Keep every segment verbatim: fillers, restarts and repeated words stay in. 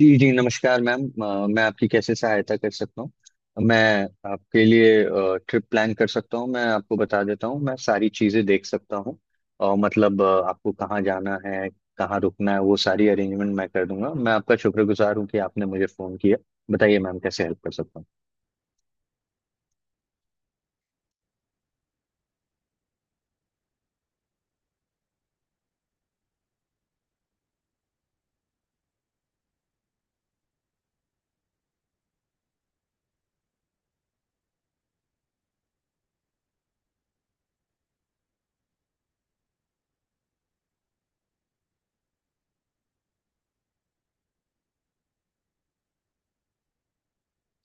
जी जी, नमस्कार मैम। अ, मैं आपकी कैसे सहायता कर सकता हूँ? मैं आपके लिए ट्रिप प्लान कर सकता हूँ, मैं आपको बता देता हूँ, मैं सारी चीज़ें देख सकता हूँ। और मतलब अ, आपको कहाँ जाना है, कहाँ रुकना है, वो सारी अरेंजमेंट मैं कर दूंगा। मैं आपका शुक्रगुजार हूँ कि आपने मुझे फ़ोन किया। बताइए मैम, कैसे हेल्प कर सकता हूँ?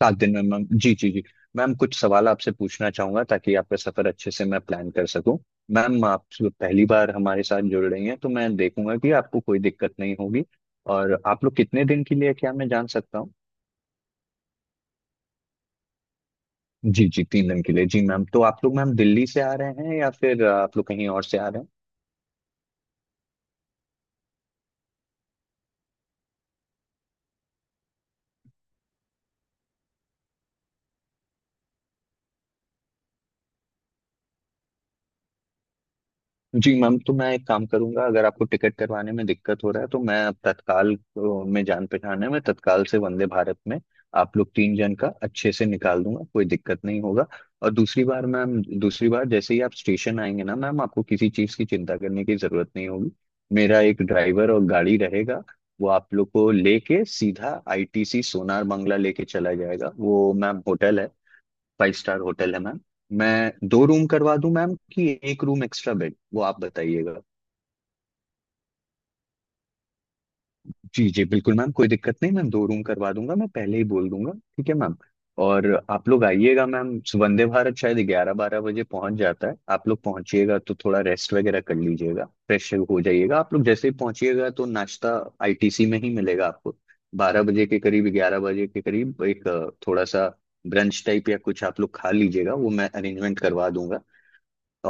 सात दिन में मैम? जी जी जी। मैम, कुछ सवाल आपसे पूछना चाहूंगा ताकि आपका सफर अच्छे से मैं प्लान कर सकूं। मैम आप पहली बार हमारे साथ जुड़ रही हैं, तो मैं देखूंगा कि आपको कोई दिक्कत नहीं होगी। और आप लोग कितने दिन के लिए, क्या मैं जान सकता हूँ? जी जी, तीन दिन के लिए, जी मैम। तो आप लोग मैम दिल्ली से आ रहे हैं या फिर आ, आप लोग कहीं और से आ रहे हैं? जी मैम, तो मैं एक काम करूंगा, अगर आपको टिकट करवाने में दिक्कत हो रहा है तो मैं अब तत्काल, अ, में जान पहचान है, मैं तत्काल से वंदे भारत में आप लोग तीन जन का अच्छे से निकाल दूंगा, कोई दिक्कत नहीं होगा। और दूसरी बार मैम, दूसरी बार जैसे ही आप स्टेशन आएंगे ना मैम, आपको किसी चीज़ की चिंता करने की जरूरत नहीं होगी। मेरा एक ड्राइवर और गाड़ी रहेगा, वो आप लोग को लेके सीधा आईटीसी सोनार बांग्ला लेके चला जाएगा। वो मैम होटल है, फाइव स्टार होटल है मैम। मैं दो रूम करवा दूं मैम, कि एक रूम एक्स्ट्रा बेड, वो आप बताइएगा। जी जी बिल्कुल मैम, कोई दिक्कत नहीं, मैं दो रूम करवा दूंगा, मैं पहले ही बोल दूंगा, ठीक है मैम? और आप लोग आइएगा मैम, वंदे भारत शायद ग्यारह बारह बजे पहुंच जाता है, आप लोग पहुंचिएगा तो थोड़ा रेस्ट वगैरह कर लीजिएगा, फ्रेश हो जाइएगा। आप लोग जैसे ही पहुंचिएगा तो नाश्ता आईटीसी में ही मिलेगा आपको। बारह बजे के करीब, ग्यारह बजे के करीब एक अ, थोड़ा सा ब्रंच टाइप या कुछ आप लोग खा लीजिएगा, वो मैं अरेंजमेंट करवा दूंगा।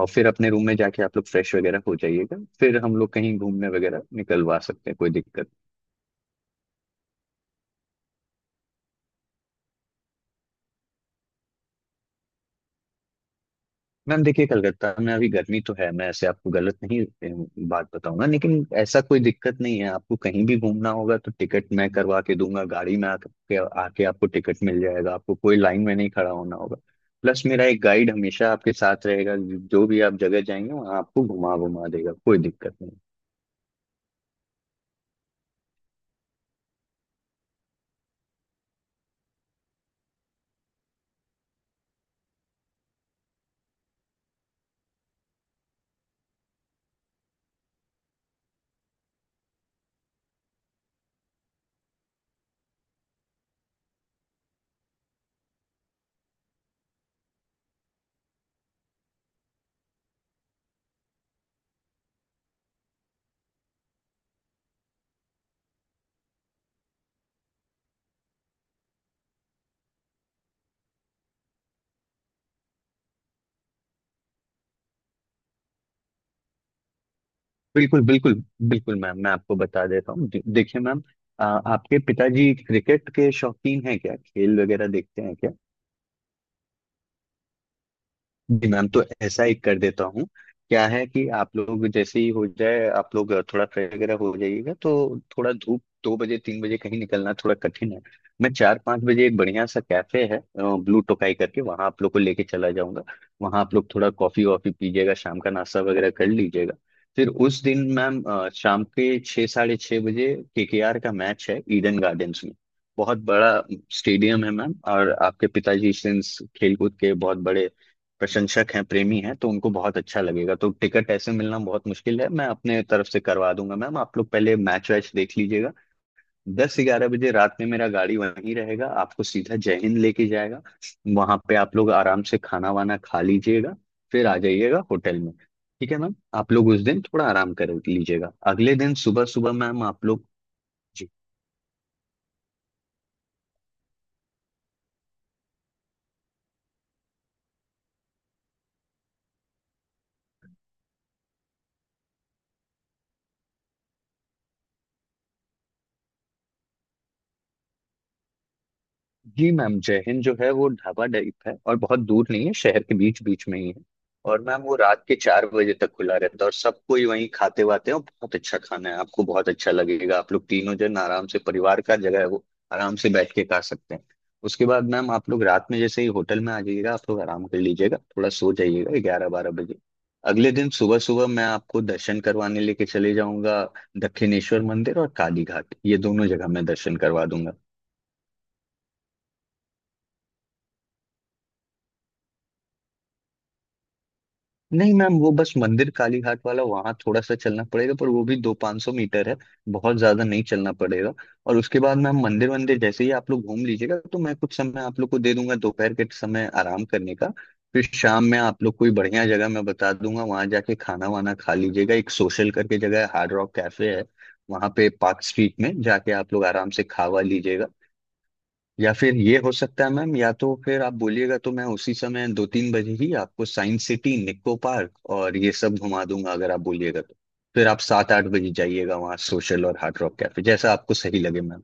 और फिर अपने रूम में जाके आप लोग फ्रेश वगैरह हो जाइएगा, फिर हम लोग कहीं घूमने वगैरह निकलवा सकते हैं, कोई दिक्कत। मैम देखिए, कलकत्ता में अभी गर्मी तो है, मैं ऐसे आपको गलत नहीं अ, बात बताऊंगा, लेकिन ऐसा कोई दिक्कत नहीं है। आपको कहीं भी घूमना होगा तो टिकट मैं करवा के दूंगा, गाड़ी में आके आके आपको टिकट मिल जाएगा, आपको कोई लाइन में नहीं खड़ा होना होगा। प्लस मेरा एक गाइड हमेशा आपके साथ रहेगा, जो भी आप जगह जाएंगे वहाँ आपको घुमा घुमा देगा, कोई दिक्कत नहीं। बिल्कुल, बिल्कुल, बिल्कुल मैम, मैं आपको बता देता हूँ, दे- देखिए मैम, आ, आपके पिताजी क्रिकेट के शौकीन हैं क्या, खेल वगैरह देखते हैं क्या? जी मैम तो ऐसा ही कर देता हूँ। क्या है कि आप लोग जैसे ही हो जाए, आप लोग थोड़ा फ्रेश वगैरह हो जाइएगा, तो थोड़ा धूप दो बजे तीन बजे कहीं निकलना थोड़ा कठिन है। मैं चार पाँच बजे, एक बढ़िया सा कैफे है ब्लू टोकाई करके, वहाँ आप लोग को लेके चला जाऊंगा। वहाँ आप लोग थोड़ा कॉफी वॉफी पीजिएगा, शाम का नाश्ता वगैरह कर लीजिएगा। फिर उस दिन मैम अ, शाम के छः साढ़े छः बजे केकेआर का मैच है ईडन गार्डन्स में, बहुत बड़ा स्टेडियम है मैम। और आपके पिताजी इस दिन खेलकूद के बहुत बड़े प्रशंसक हैं, प्रेमी हैं, तो उनको बहुत अच्छा लगेगा। तो टिकट ऐसे मिलना बहुत मुश्किल है, मैं अपने तरफ से करवा दूंगा मैम, आप लोग पहले मैच वैच देख लीजिएगा। दस ग्यारह बजे रात में मेरा गाड़ी वहीं रहेगा, आपको सीधा जय हिंद लेके जाएगा। वहां पे आप लोग आराम से खाना वाना खा लीजिएगा, फिर आ जाइएगा होटल में, ठीक है मैम? आप लोग उस दिन थोड़ा आराम कर लीजिएगा, अगले दिन सुबह सुबह मैम आप लोग। जी मैम, जय हिंद जो है वो ढाबा टाइप है और बहुत दूर नहीं है, शहर के बीच बीच में ही है। और मैम वो रात के चार बजे तक खुला रहता है, और सब कोई वहीं खाते वाते हैं और बहुत अच्छा खाना है, आपको बहुत अच्छा लगेगा। आप लोग तीनों जन आराम से, परिवार का जगह है वो, आराम से बैठ के खा सकते हैं। उसके बाद मैम आप लोग रात में जैसे ही होटल में आ जाइएगा, आप लोग आराम कर लीजिएगा, थोड़ा सो जाइएगा ग्यारह बारह बजे। अगले दिन सुबह सुबह मैं आपको दर्शन करवाने लेके चले जाऊंगा, दक्षिणेश्वर मंदिर और काली घाट, ये दोनों जगह मैं दर्शन करवा दूंगा। नहीं मैम, वो बस मंदिर कालीघाट वाला, वहां थोड़ा सा चलना पड़ेगा, पर वो भी दो पाँच सौ मीटर है, बहुत ज्यादा नहीं चलना पड़ेगा। और उसके बाद मैम मंदिर वंदिर जैसे ही आप लोग घूम लीजिएगा, तो मैं कुछ समय आप लोग को दे दूंगा दोपहर के समय आराम करने का। फिर शाम में आप लोग कोई बढ़िया जगह मैं बता दूंगा, वहां जाके खाना वाना खा लीजिएगा। एक सोशल करके जगह है, हार्ड रॉक कैफे है, वहां पे पार्क स्ट्रीट में जाके आप लोग आराम से खावा लीजिएगा। या फिर ये हो सकता है मैम, या तो फिर आप बोलिएगा तो मैं उसी समय दो तीन बजे ही आपको साइंस सिटी, निक्को पार्क और ये सब घुमा दूंगा, अगर आप बोलिएगा तो। फिर आप सात आठ बजे जाइएगा वहाँ सोशल और हार्ड रॉक कैफे, जैसा आपको सही लगे मैम।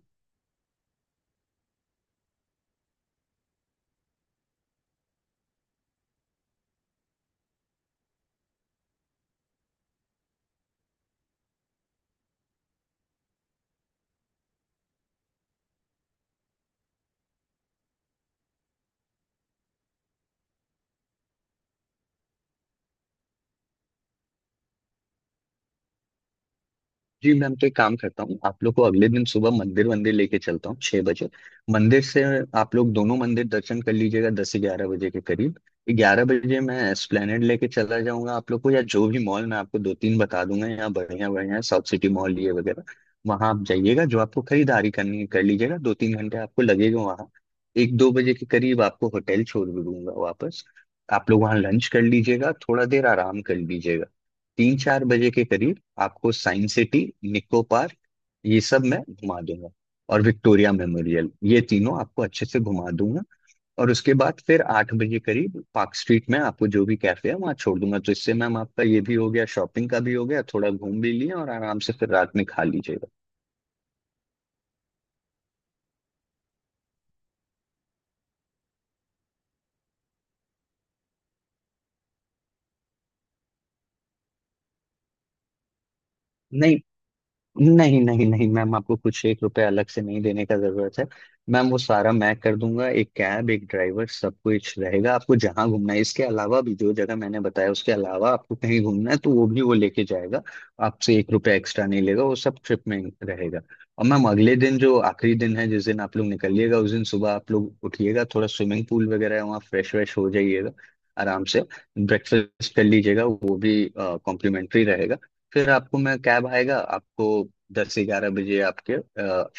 जी मैम, तो एक काम करता हूँ, आप लोग को अगले दिन सुबह मंदिर मंदिर लेके चलता हूँ, छह बजे मंदिर से। आप लोग दोनों मंदिर दर्शन कर लीजिएगा, दस से ग्यारह बजे के करीब, ग्यारह बजे मैं एस्प्लेनेड लेके चला जाऊंगा आप लोग को, या जो भी मॉल मैं आपको दो तीन बता दूंगा यहाँ बढ़िया बढ़िया, साउथ सिटी मॉल ये वगैरह, वहां आप जाइएगा, जो आपको खरीदारी करनी है कर लीजिएगा। दो तीन घंटे आपको लगेगा वहाँ, एक दो बजे के करीब आपको होटल छोड़ भी दूंगा वापस। आप लोग वहाँ लंच कर लीजिएगा, थोड़ा देर आराम कर लीजिएगा। तीन चार बजे के करीब आपको साइंस सिटी, निको पार्क, ये सब मैं घुमा दूंगा, और विक्टोरिया मेमोरियल, ये तीनों आपको अच्छे से घुमा दूंगा। और उसके बाद फिर आठ बजे करीब पार्क स्ट्रीट में आपको जो भी कैफे है वहाँ छोड़ दूंगा, तो इससे मैम आपका ये भी हो गया, शॉपिंग का भी हो गया, थोड़ा घूम भी लिए, और आराम से फिर रात में खा लीजिएगा। नहीं, नहीं, नहीं, नहीं मैम, आपको कुछ एक रुपया अलग से नहीं देने का जरूरत है। मैम वो सारा मैं कर दूंगा, एक कैब एक ड्राइवर सब कुछ रहेगा, आपको जहां घूमना है, इसके अलावा भी जो जगह मैंने बताया उसके अलावा आपको कहीं घूमना है तो वो भी वो लेके जाएगा। आपसे एक रुपया एक्स्ट्रा नहीं लेगा, वो सब ट्रिप में रहेगा। और मैम अगले दिन जो आखिरी दिन है, जिस दिन आप लोग निकलिएगा, उस दिन सुबह आप लोग उठिएगा, थोड़ा स्विमिंग पूल वगैरह है वहाँ, फ्रेश व्रेश हो जाइएगा, आराम से ब्रेकफास्ट कर लीजिएगा, वो भी कॉम्प्लीमेंट्री रहेगा। फिर आपको मैं कैब आएगा आपको, दस ग्यारह बजे आपके,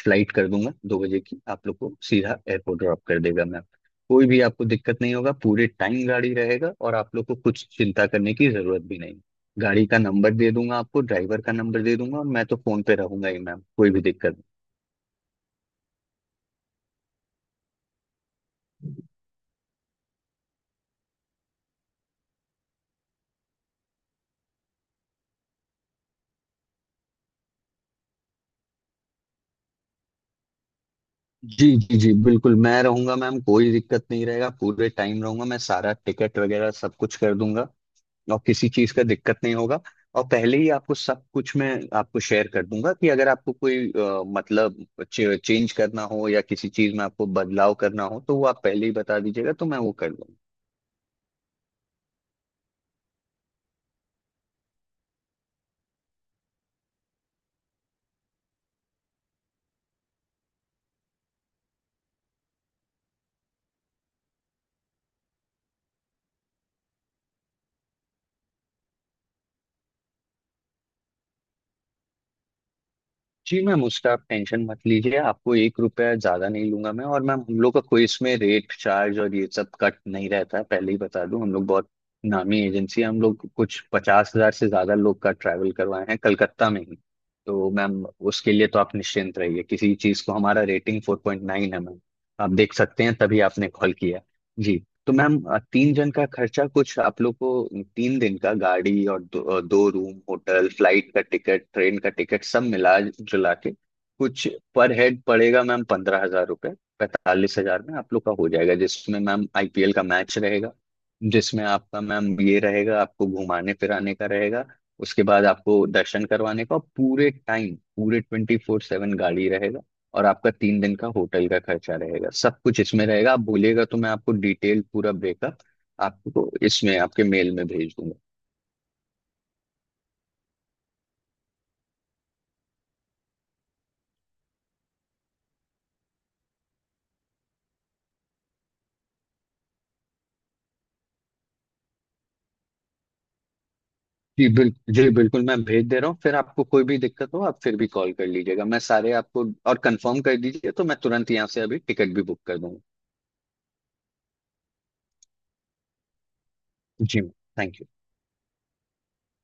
फ्लाइट कर दूंगा दो बजे की, आप लोग को सीधा एयरपोर्ट ड्रॉप कर देगा मैम। कोई भी आपको दिक्कत नहीं होगा, पूरे टाइम गाड़ी रहेगा, और आप लोग को कुछ चिंता करने की जरूरत भी नहीं। गाड़ी का नंबर दे दूंगा आपको, ड्राइवर का नंबर दे दूंगा, और मैं तो फोन पे रहूंगा ही मैम, कोई भी दिक्कत नहीं। जी जी जी, बिल्कुल मैं रहूंगा मैम, कोई दिक्कत नहीं रहेगा, पूरे टाइम रहूंगा, मैं सारा टिकट वगैरह सब कुछ कर दूंगा, और किसी चीज का दिक्कत नहीं होगा। और पहले ही आपको सब कुछ मैं आपको शेयर कर दूंगा, कि अगर आपको कोई अ, मतलब चेंज करना हो या किसी चीज में आपको बदलाव करना हो तो वो आप पहले ही बता दीजिएगा तो मैं वो कर दूंगा। जी मैम, उसका आप टेंशन मत लीजिए, आपको एक रुपया ज्यादा नहीं लूंगा मैं। और मैम हम लोग का कोई इसमें रेट चार्ज और ये सब कट नहीं रहता है, पहले ही बता दूं, हम लोग बहुत नामी एजेंसी है, हम लोग कुछ पचास हजार से ज्यादा लोग का ट्रैवल करवाए हैं कलकत्ता में ही। तो मैम उसके लिए तो आप निश्चिंत रहिए किसी चीज को, हमारा रेटिंग फोर पॉइंट नाइन है मैम, आप देख सकते हैं, तभी आपने कॉल किया। जी। तो मैम अ, तीन जन का खर्चा कुछ आप लोग को, तीन दिन का गाड़ी और दो, अ, दो रूम होटल, फ्लाइट का टिकट, ट्रेन का टिकट, सब मिला जुला के कुछ पर हेड पड़ेगा मैम पंद्रह हजार रुपये, पैंतालीस हजार में आप लोग का हो जाएगा, जिसमें मैम आईपीएल का मैच रहेगा, जिसमें आपका मैम ये रहेगा, आपको घुमाने फिराने का रहेगा। उसके बाद आपको दर्शन करवाने का, और पूरे टाइम, पूरे ट्वेंटी फोर सेवन गाड़ी रहेगा, और आपका तीन दिन का होटल का खर्चा रहेगा, सब कुछ इसमें रहेगा। आप बोलिएगा तो मैं आपको डिटेल पूरा ब्रेकअप आपको इसमें आपके मेल में भेज दूंगा। जी बिल्कुल, जी बिल्कुल, मैं भेज दे रहा हूँ, फिर आपको कोई भी दिक्कत हो आप फिर भी कॉल कर लीजिएगा, मैं सारे आपको, और कंफर्म कर दीजिए तो मैं तुरंत यहाँ से अभी टिकट भी बुक कर दूंगा। जी मैम, थैंक यू।